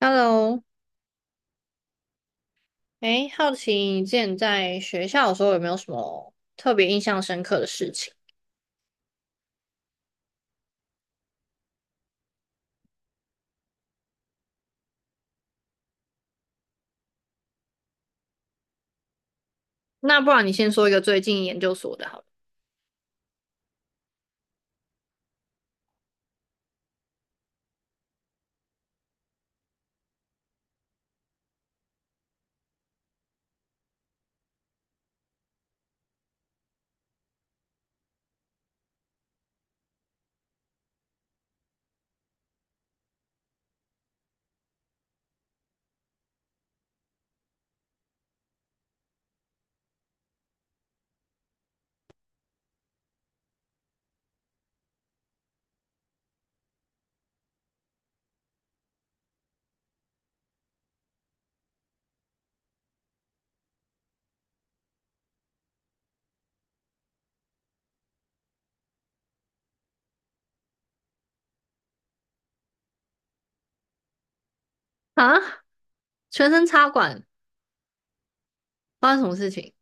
Hello，哎，好奇你之前在学校的时候有没有什么特别印象深刻的事情？那不然你先说一个最近研究所的好了。啊，全身插管，发生什么事情？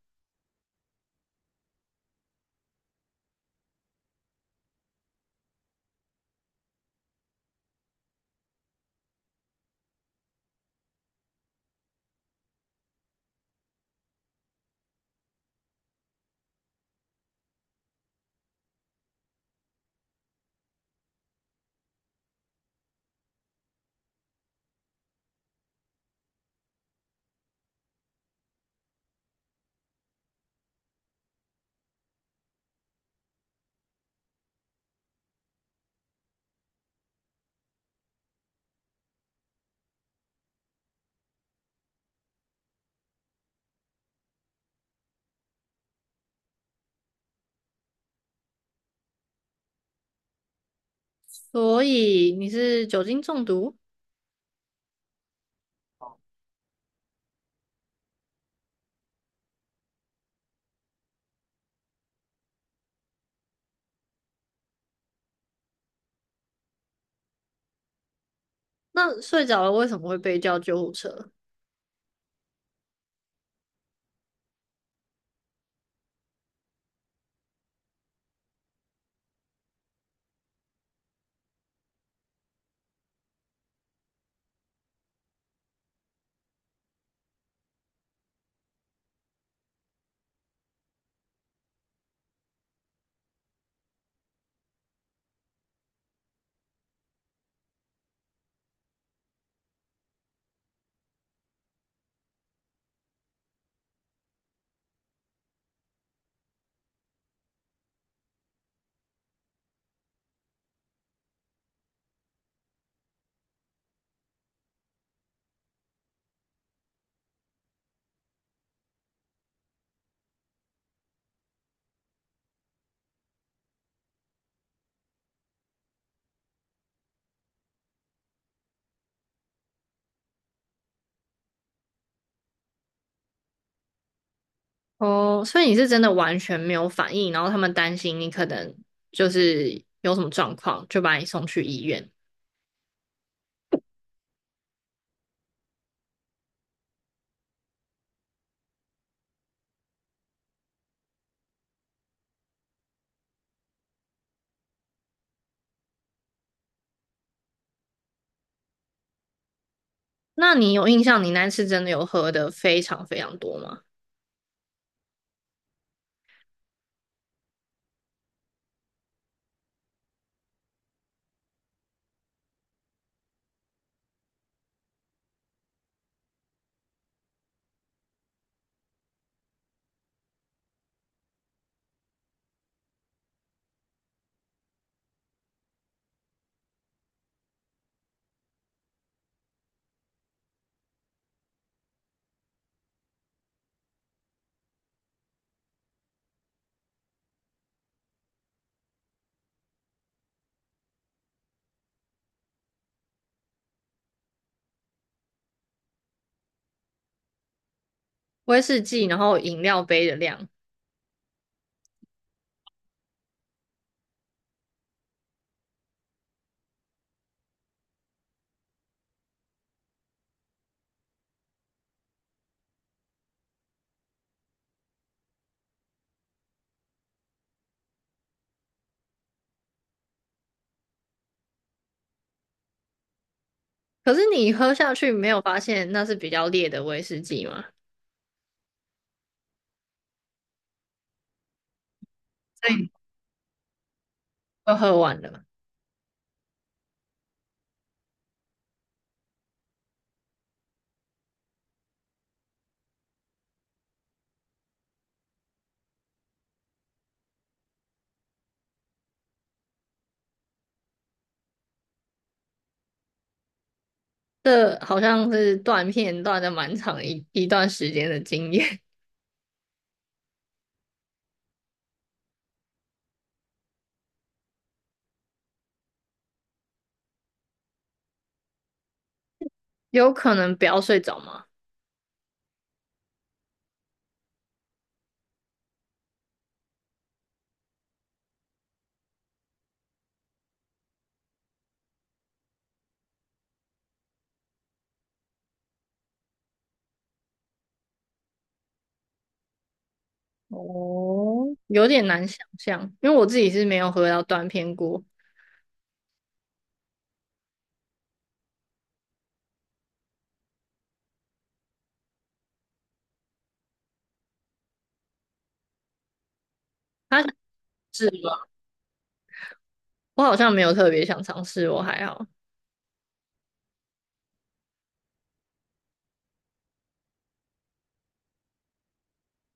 所以你是酒精中毒？那睡着了为什么会被叫救护车？哦，所以你是真的完全没有反应，然后他们担心你可能就是有什么状况，就把你送去医院。那你有印象你那次真的有喝的非常非常多吗？威士忌，然后饮料杯的量。可是你喝下去没有发现那是比较烈的威士忌吗？所以就喝完了。这好像是断片断的蛮长一段时间的经验，有可能不要睡着吗？哦，有点难想象，因为我自己是没有喝到断片过。他是吗？我好像没有特别想尝试，我还好。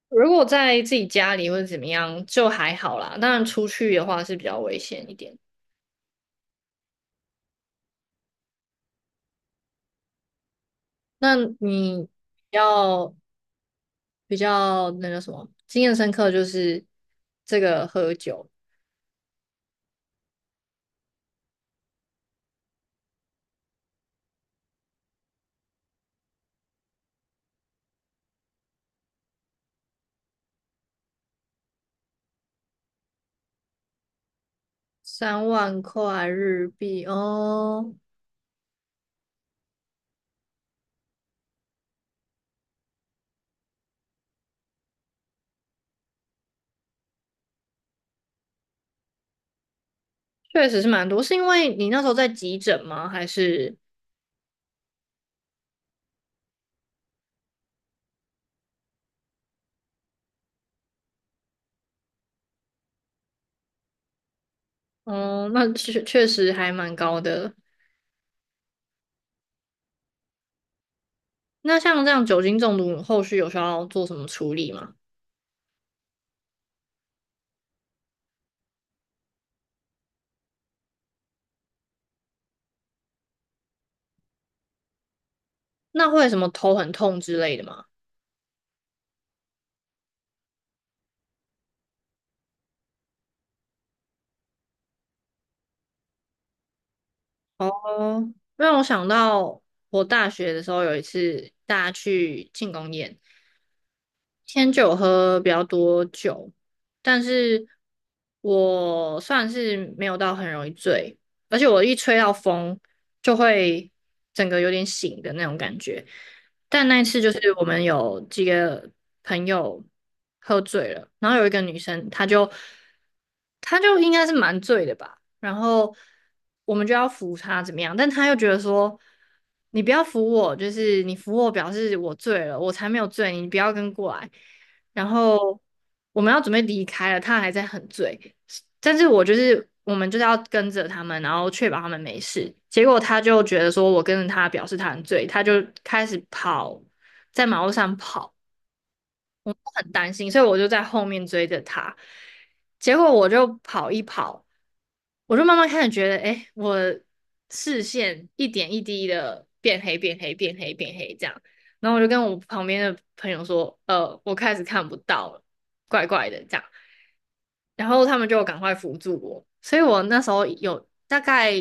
如果在自己家里或者怎么样，就还好啦。当然出去的话是比较危险一点。那你要比较那叫什么，经验深刻就是这个喝酒，3万块日币哦，确实是蛮多。是因为你那时候在急诊吗？还是嗯，那确确实还蛮高的。那像这样酒精中毒，后续有需要做什么处理吗？那会有什么头很痛之类的吗？哦，让我想到我大学的时候有一次大家去庆功宴。天酒喝比较多酒，但是我算是没有到很容易醉，而且我一吹到风就会整个有点醒的那种感觉。但那一次就是我们有几个朋友喝醉了，然后有一个女生，她就应该是蛮醉的吧，然后我们就要扶她怎么样，但她又觉得说你不要扶我，就是你扶我表示我醉了，我才没有醉，你不要跟过来。然后我们要准备离开了，她还在很醉，但是我们就是要跟着他们，然后确保他们没事。结果他就觉得说我跟着他，表示他很醉，他就开始跑，在马路上跑。很担心，所以我就在后面追着他。结果我就跑一跑，我就慢慢开始觉得，哎，我视线一点一滴的变黑、变黑、变黑、变黑这样。然后我就跟我旁边的朋友说，我开始看不到了，怪怪的这样。然后他们就赶快扶住我，所以我那时候有大概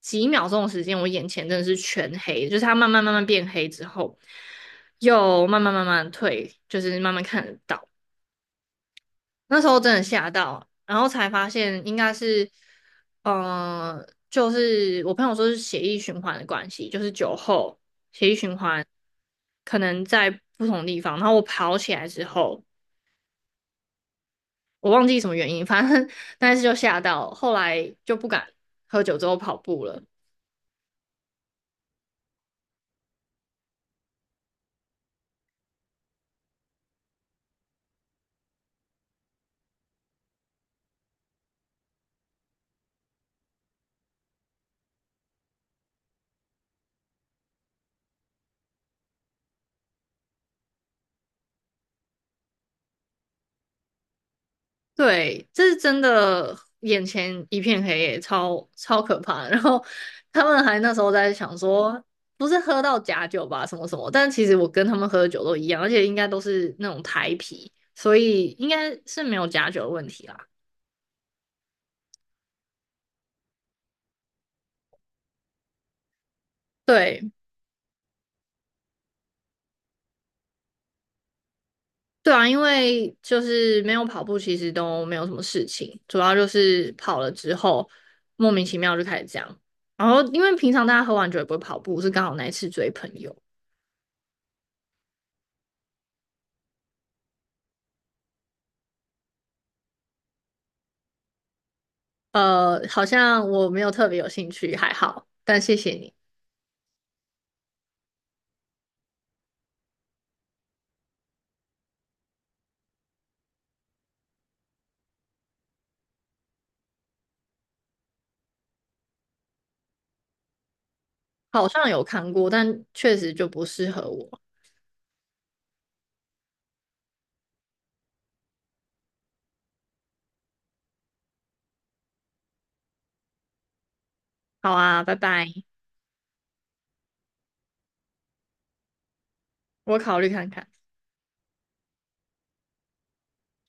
几秒钟的时间，我眼前真的是全黑，就是它慢慢慢慢变黑之后，又慢慢慢慢退，就是慢慢看得到。那时候真的吓到，然后才发现应该是，就是我朋友说是血液循环的关系，就是酒后血液循环可能在不同地方。然后我跑起来之后，我忘记什么原因，反正 但是就吓到，后来就不敢喝酒之后跑步了。对，这是真的，眼前一片黑耶，超可怕的然后他们还那时候在想说，不是喝到假酒吧，什么什么。但其实我跟他们喝的酒都一样，而且应该都是那种台啤，所以应该是没有假酒的问题啦。对，对啊，因为就是没有跑步，其实都没有什么事情，主要就是跑了之后莫名其妙就开始这样。然后因为平常大家喝完酒也不会跑步，是刚好那一次追朋友。好像我没有特别有兴趣，还好，但谢谢你。好像有看过，但确实就不适合我。好啊，拜拜，我考虑看看。